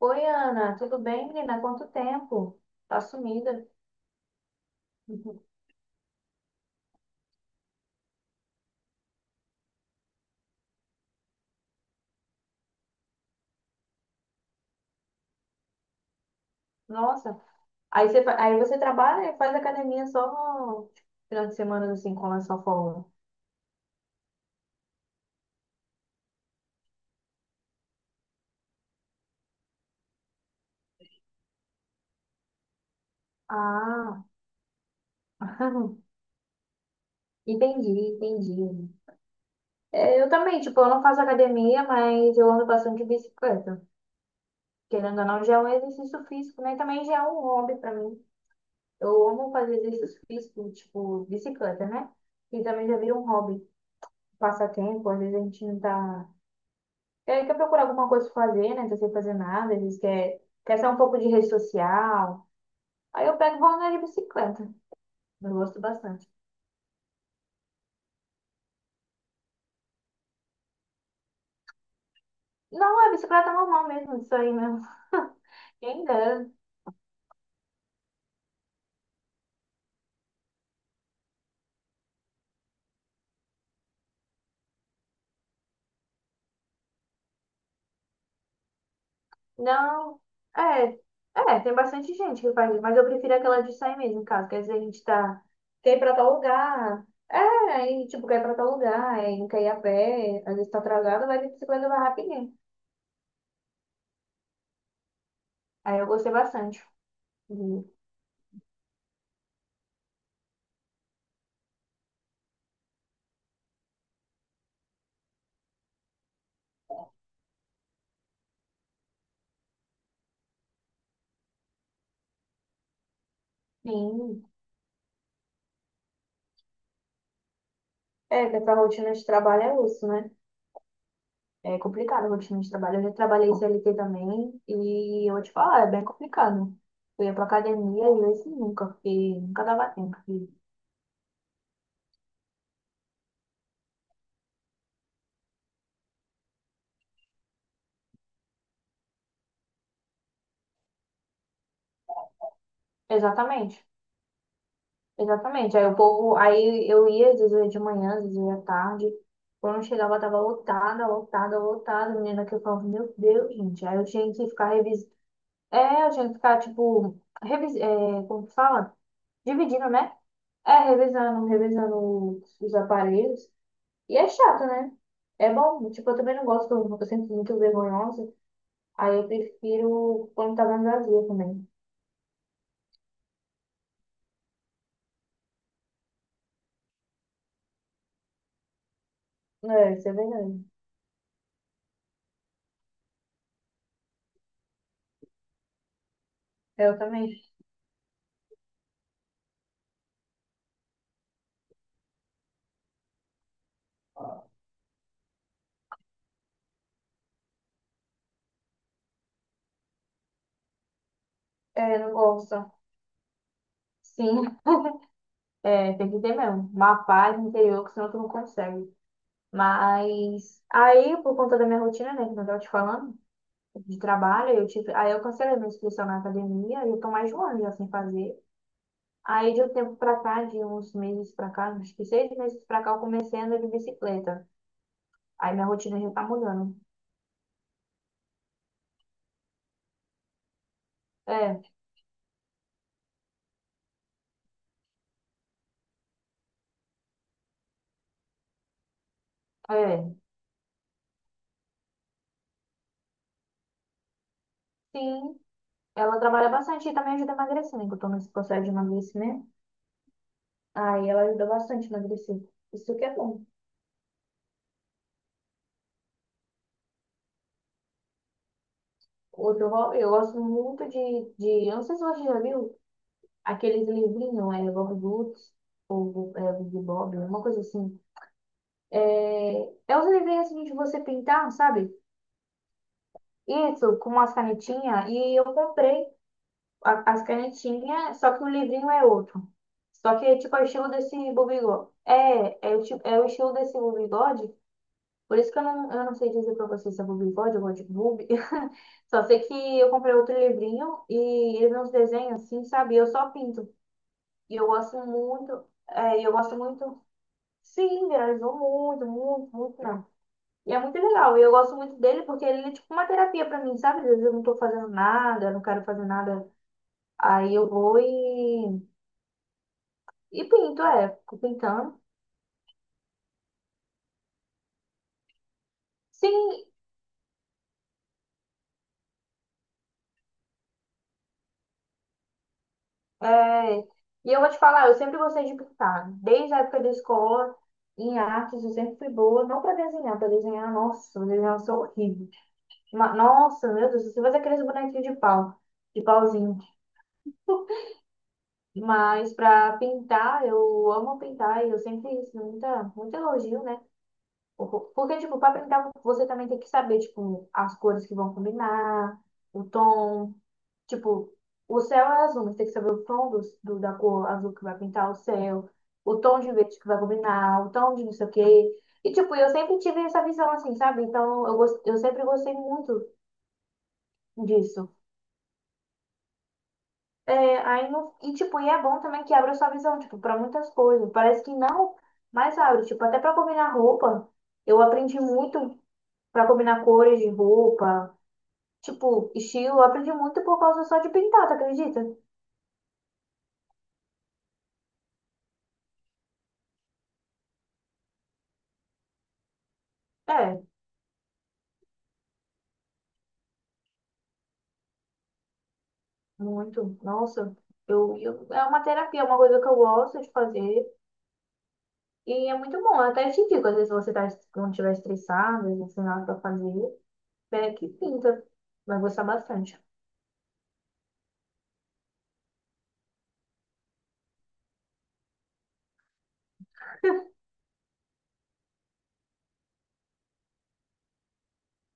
Oi, Ana, tudo bem, menina? Quanto tempo? Tá sumida. Uhum. Nossa. Aí você trabalha e faz academia só no final de semana, assim, com essa à folga. Ah, entendi, entendi. É, eu também, tipo, eu não faço academia, mas eu ando bastante de bicicleta. Querendo ou não, já é um exercício físico, né? Também já é um hobby pra mim. Eu amo fazer exercício físico, tipo, bicicleta, né? E também já vira um hobby, um passatempo, às vezes a gente não tá. Ele quer procurar alguma coisa pra fazer, né? Não tá sem fazer nada. Eles quer sair um pouco de rede social. Aí eu pego e vou andar de bicicleta. Eu gosto bastante. Não, é bicicleta normal mesmo, isso aí mesmo. Quem dera. Não. É, é, tem bastante gente que faz isso, mas eu prefiro aquela de sair mesmo, em casa. Quer dizer, a gente tá. Quer ir pra tal lugar. É, aí, tipo, quer ir pra tal lugar, aí não quer ir a pé, às vezes tá atrasado, vai de bicicleta vai rapidinho. Aí eu gostei bastante. Sim. É, que essa rotina de trabalho é osso, né? É complicado a rotina de trabalho. Eu já trabalhei CLT também e eu vou te falar, é bem complicado. Eu ia pra academia e eu assim, nunca, porque nunca dava tempo. E- Exatamente, exatamente. Aí o povo, aí eu ia, às vezes eu ia de manhã, às vezes eu ia à tarde. Quando chegava, tava lotada, lotada, lotada. Menina que eu falava, meu Deus, gente. Aí eu tinha que ficar revisando. É, eu tinha que ficar, tipo, é, como que fala? Dividindo, né? É, revisando os aparelhos. E é chato, né? É bom. Tipo, eu também não gosto quando eu sinto muito vergonhosa. Aí eu prefiro quando tá mais vazia também. É, isso é verdade. Eu também. É, não gosto. Sim, é, tem que ter mesmo. Uma paz interior, que senão tu não consegue. Mas aí, por conta da minha rotina, né, que eu tava te falando, de trabalho, eu tive. Aí eu cancelei minha inscrição na academia e eu tô mais de um ano já sem fazer. Aí de um tempo pra cá, de uns meses pra cá, acho que seis meses pra cá, eu comecei a andar de bicicleta. Aí minha rotina já tá mudando. É, é. Sim, ela trabalha bastante e também ajuda a emagrecer, né? Que eu tô nesse processo de emagrecimento. Aí ela ajuda bastante a emagrecer. Isso que é bom. Outro hobby, eu gosto muito de. Eu não sei se você já viu aqueles livrinhos, é Bob Goods ou é, Bibi Bob, uma coisa assim. É, é os livrinhos assim de você pintar, sabe? Isso, com umas canetinhas. E eu comprei. As canetinhas, só que o livrinho é outro. Só que é tipo é o estilo desse bobigode. É, é o estilo desse bobigode. Por isso que eu não sei dizer pra vocês se é bobigode ou de boob. Só sei que eu comprei outro livrinho e ele vem uns desenhos assim, sabe? Eu só pinto. E eu gosto muito. É, e eu gosto muito. Sim, viralizou muito, muito, muito, não. E é muito legal. E eu gosto muito dele porque ele é tipo uma terapia pra mim, sabe? Às vezes eu não tô fazendo nada, eu não quero fazer nada. Aí eu vou e pinto, é, fico pintando. Sim, é, e eu vou te falar, eu sempre gostei de pintar. Desde a época da escola, em artes, eu sempre fui boa. Não pra desenhar, pra desenhar, nossa, pra desenhar eu sou horrível. Nossa, meu Deus, você faz aqueles bonequinhos de pau, de pauzinho. Mas pra pintar, eu amo pintar e eu sempre isso, muita, muito elogio, né? Porque, tipo, pra pintar, você também tem que saber, tipo, as cores que vão combinar, o tom. Tipo, o céu é azul, mas tem que saber o tom da cor azul que vai pintar o céu, o tom de verde que vai combinar, o tom de não sei o quê. E, tipo, eu sempre tive essa visão assim, sabe? Então, eu sempre gostei muito disso. É, aí no, e, tipo, e é bom também que abra sua visão, tipo, pra muitas coisas. Parece que não, mas abre. Tipo, até pra combinar roupa, eu aprendi muito pra combinar cores de roupa, tipo, estilo. Eu aprendi muito por causa só de pintar, tu acredita? É. Muito. Nossa, é uma terapia, é uma coisa que eu gosto de fazer. E é muito bom. Eu até te digo, às vezes você tá, quando estiver estressado, às vezes sem nada pra fazer, pega que pinta. Vai gostar bastante.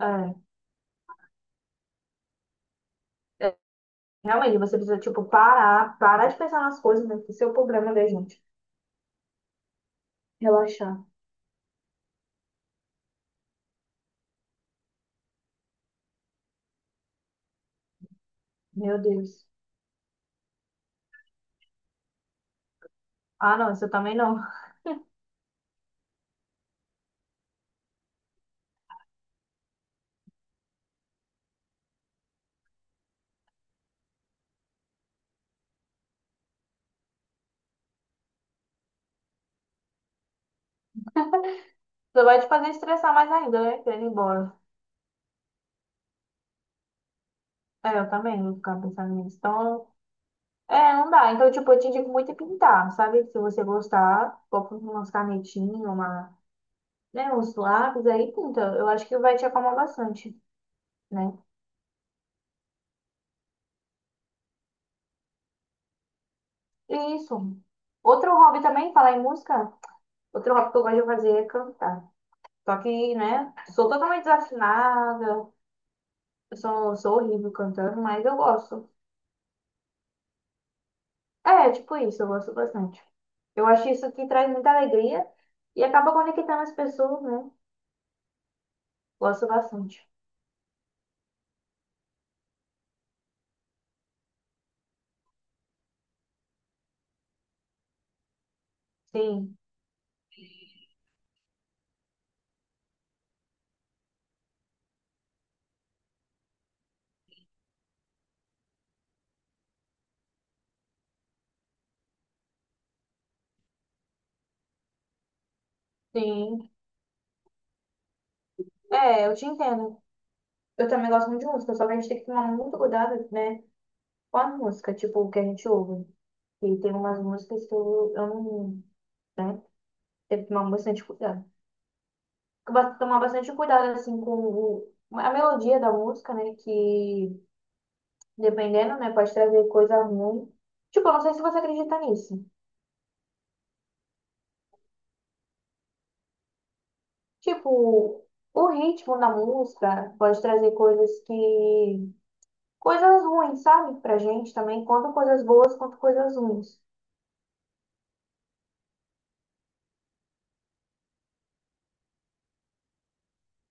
É, é, realmente, você precisa, tipo, parar, parar de pensar nas coisas, né? Esse é o problema da gente. Relaxar. Meu Deus. Ah, não, isso eu também não. Só vai te fazer estressar mais ainda, né? Querendo ir embora. É, eu também vou ficar pensando nisso. Então, é, não dá. Então, tipo, eu te digo muito é pintar, sabe? Se você gostar, coloca umas canetinhas, uma, né, uns lápis aí, pinta. Eu acho que vai te acalmar bastante, né? E isso. Outro hobby também, falar em música, outro hobby que eu gosto de fazer é cantar. Só que, né, sou totalmente desafinada, sou horrível cantando, mas eu gosto. É, tipo isso, eu gosto bastante. Eu acho isso que traz muita alegria e acaba conectando as pessoas, né? Gosto bastante. Sim, sim. É, eu te entendo. Eu também gosto muito de música, só que a gente tem que tomar muito cuidado, né, com a música, tipo, o que a gente ouve. E tem umas músicas que eu não, né, tem que tomar bastante cuidado. Eu gosto de tomar bastante cuidado, assim, com a melodia da música, né, que, dependendo, né, pode trazer coisa ruim. Tipo, eu não sei se você acredita nisso. Tipo, o ritmo da música pode trazer coisas que... coisas ruins, sabe? Pra gente também, tanto coisas boas quanto coisas ruins.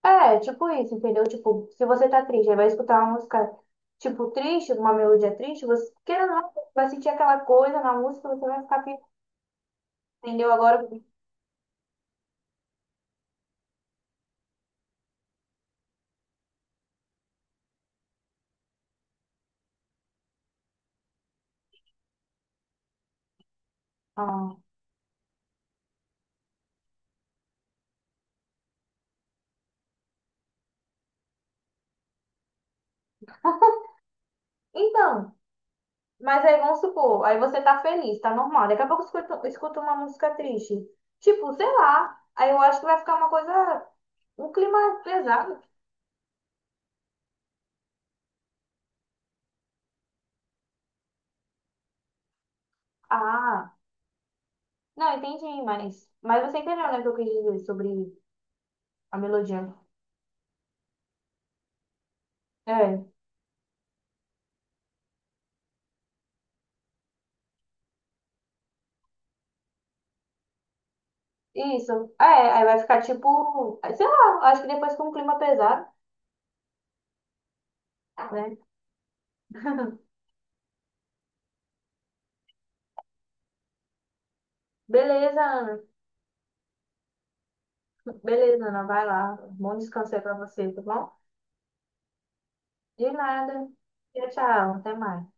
É, tipo isso, entendeu? Tipo, se você tá triste, aí vai escutar uma música, tipo, triste, uma melodia triste, você, querendo ou não, vai sentir aquela coisa na música, você vai ficar, entendeu? Agora, ah. Então, mas aí vamos supor, aí você tá feliz, tá normal, daqui a pouco escuta uma música triste, tipo, sei lá, aí eu acho que vai ficar uma coisa, um clima pesado. Ah, não, entendi, mas você entendeu, né, o que eu quis dizer sobre a melodia. É. Isso. É, aí vai ficar tipo, sei lá, acho que depois com um clima pesado, né? Beleza, Ana. Beleza, Ana, vai lá. Bom descanso aí pra você, tá bom? De nada. Tchau, tchau. Até mais.